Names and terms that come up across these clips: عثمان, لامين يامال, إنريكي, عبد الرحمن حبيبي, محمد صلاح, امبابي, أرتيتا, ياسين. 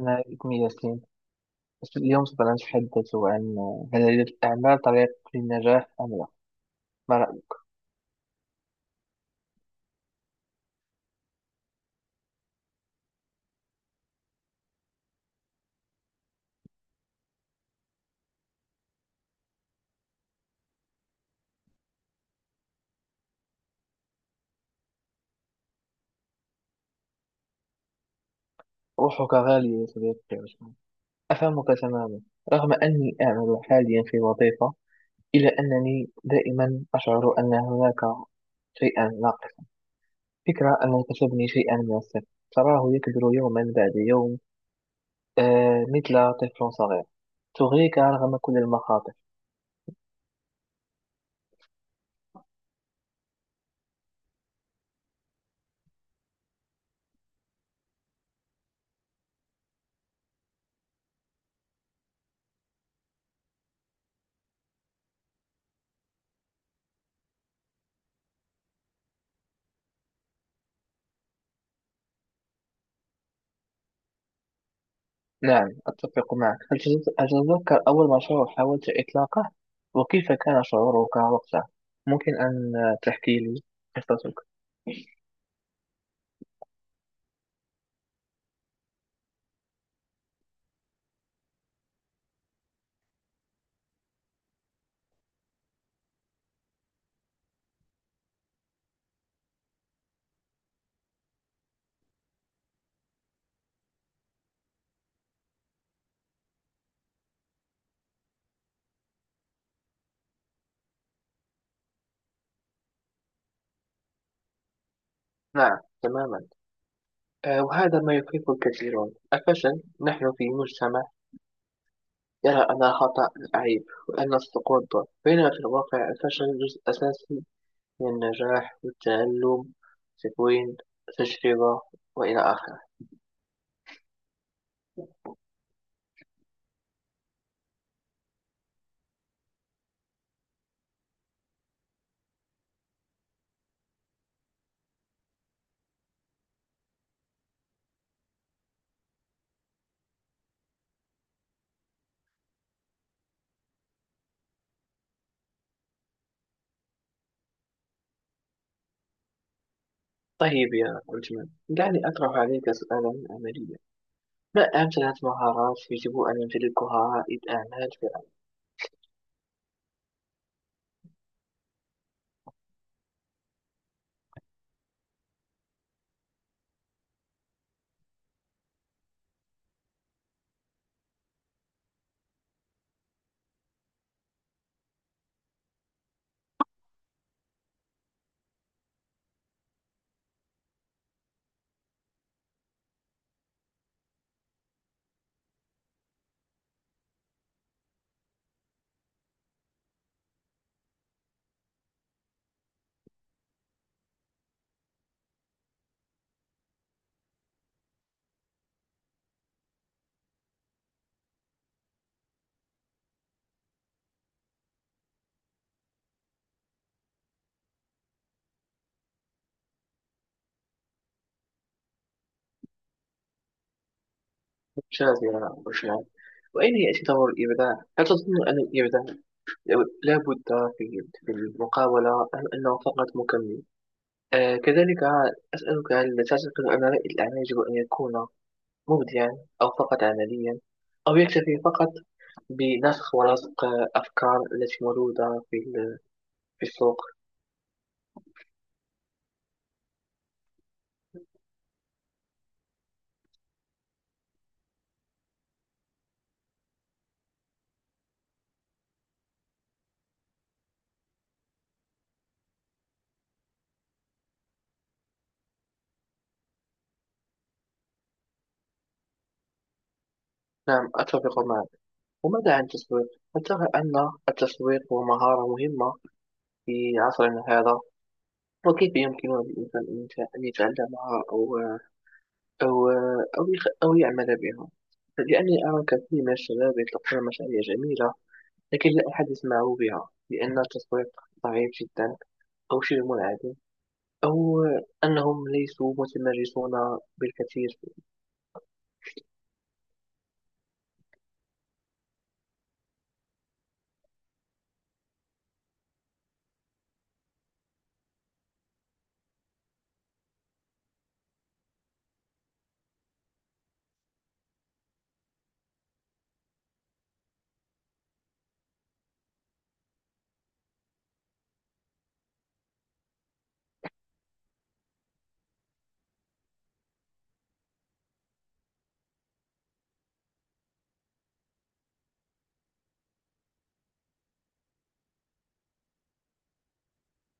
أنا اسمي ياسين. اليوم سوف نتحدث عن: هل للأعمال طريق للنجاح أم لا؟ ما رأيك؟ روحك غالية يا صديقي عثمان. أفهمك تماما. رغم أني أعمل حاليا في وظيفة، إلا أنني دائما أشعر أن هناك شيئا ناقصا. فكرة أن تبني شيئا من الصفر، تراه يكبر يوما بعد يوم، مثل طفل صغير، تغريك رغم كل المخاطر. نعم، أتفق معك. هل تتذكر أول مشروع حاولت إطلاقه وكيف كان شعورك وقتها؟ ممكن أن تحكي لي قصتك؟ نعم، تماما. وهذا ما يخيف الكثيرون: الفشل. نحن في مجتمع يرى أن الخطأ عيب وأن السقوط ضعف، بينما في الواقع الفشل جزء أساسي من النجاح والتعلم، تكوين، تجربة، وإلى آخره. طيب يا عثمان، دعني أطرح عليك سؤالا عمليا. لا، أهم 3 مهارات يجب أن يمتلكها رائد أعمال في العمل؟ شاذرة وشاب. وأين يعتبر الإبداع؟ هل تظن أن الإبداع لا بد في المقاولة أم أنه فقط مكمل؟ كذلك أسألك، هل تعتقد أن رائد الأعمال يجب أن يكون مبدعا أو فقط عمليا، أو يكتفي فقط بنسخ ولصق أفكار التي موجودة في السوق؟ نعم، أتفق معك. وماذا عن التسويق؟ هل ترى أن التسويق هو مهارة مهمة في عصرنا هذا؟ وكيف يمكن للإنسان أن أن يتعلمها أو أو يعمل بها؟ لأني أرى كثير من الشباب يطلقون مشاريع جميلة، لكن لا أحد يسمع بها لأن التسويق ضعيف جدا، أو شبه منعدم، أو أنهم ليسوا متمرسون بالكثير.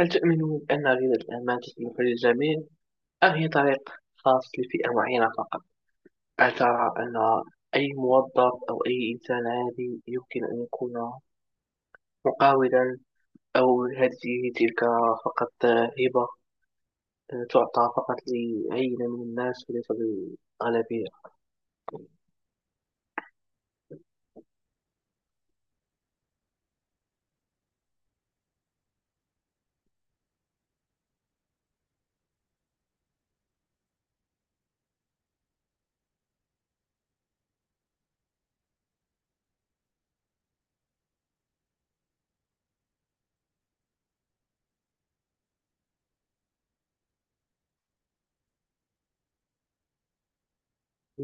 هل تؤمنون أن ريادة الأعمال تصلح للجميع أم هي طريق خاص لفئة معينة فقط؟ هل ترى أن أي موظف أو أي إنسان عادي يمكن أن يكون محاولا، أو هذه تلك فقط هبة تعطى فقط لعينة من الناس وليس للغالبية؟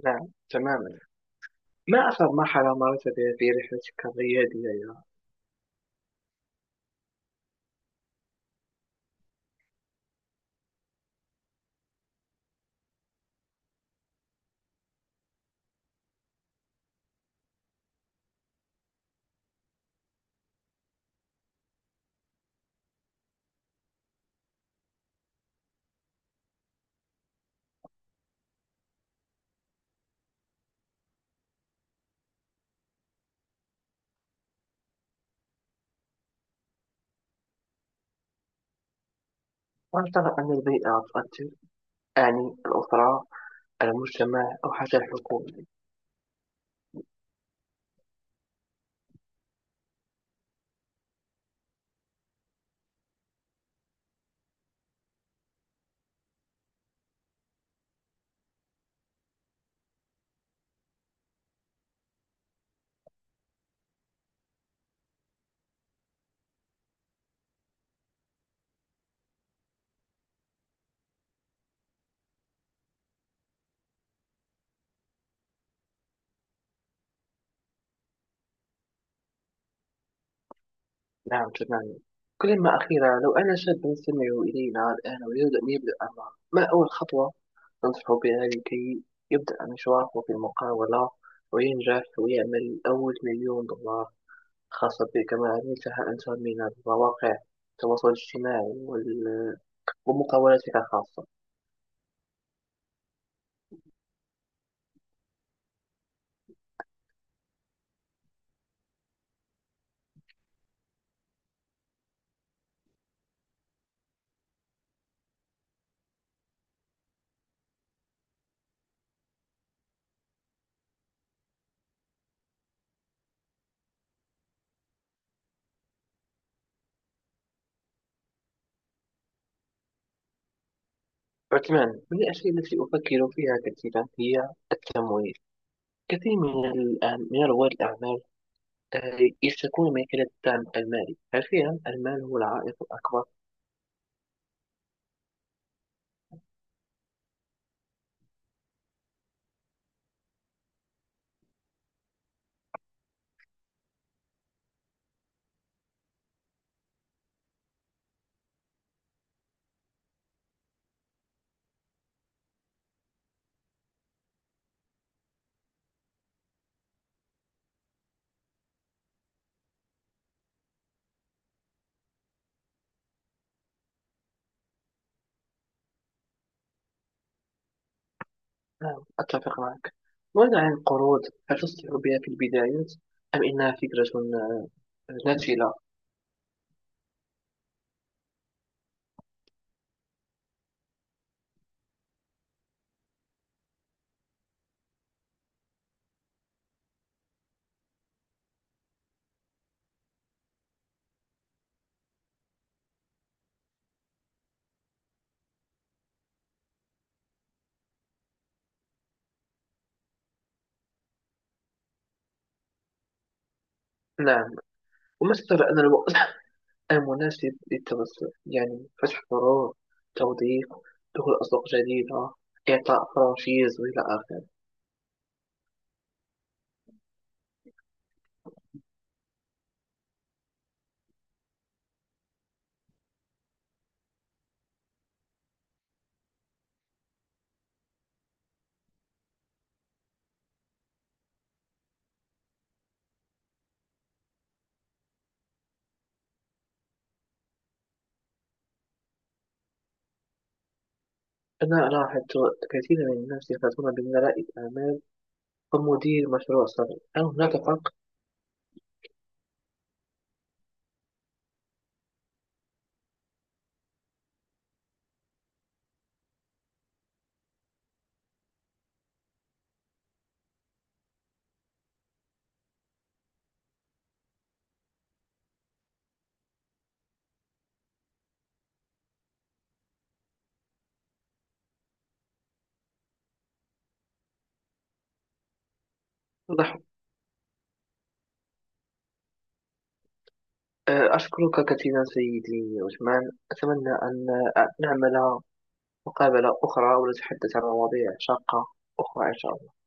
نعم، تماما. ما أكثر مرحلة مرت بها في رحلتك الريادية يا هل ترى أن البيئة تؤثر، يعني الأسرة، المجتمع، أو حتى الحكومة؟ نعم، تماما. كلمة أخيرة، لو أنا شاب يستمع إلينا الآن ويريد أن يبدأ أمره، ما أول خطوة أنصحه بها لكي يبدأ مشواره في المقاولة وينجح ويعمل أول مليون دولار خاصة بك كما عملتها أنت من مواقع التواصل الاجتماعي ومقاولاتك الخاصة. عثمان، من الأشياء التي أفكر فيها كثيرا هي التمويل. كثير من رواد الأعمال يشتكون من قلة الدعم المالي. حرفيا المال هو العائق الأكبر. نعم، أتفق معك. ماذا عن القروض؟ هل تصلح بها في البداية أم إنها فكرة ناتجة؟ نعم. ومثل أن الوقت المناسب للتوسع، يعني فتح فروع، توظيف، دخول أسواق جديدة، إعطاء فرانشيز، وإلى آخره. أنا لاحظت كثيرا من الناس يفرطون بين رائد أعمال ومدير مشروع صغير، هل هناك فرق؟ لاحظ- أشكرك كثيرا سيدي عثمان. أتمنى أن نعمل مقابلة أخرى ونتحدث عن مواضيع شاقة أخرى، إن شاء الله.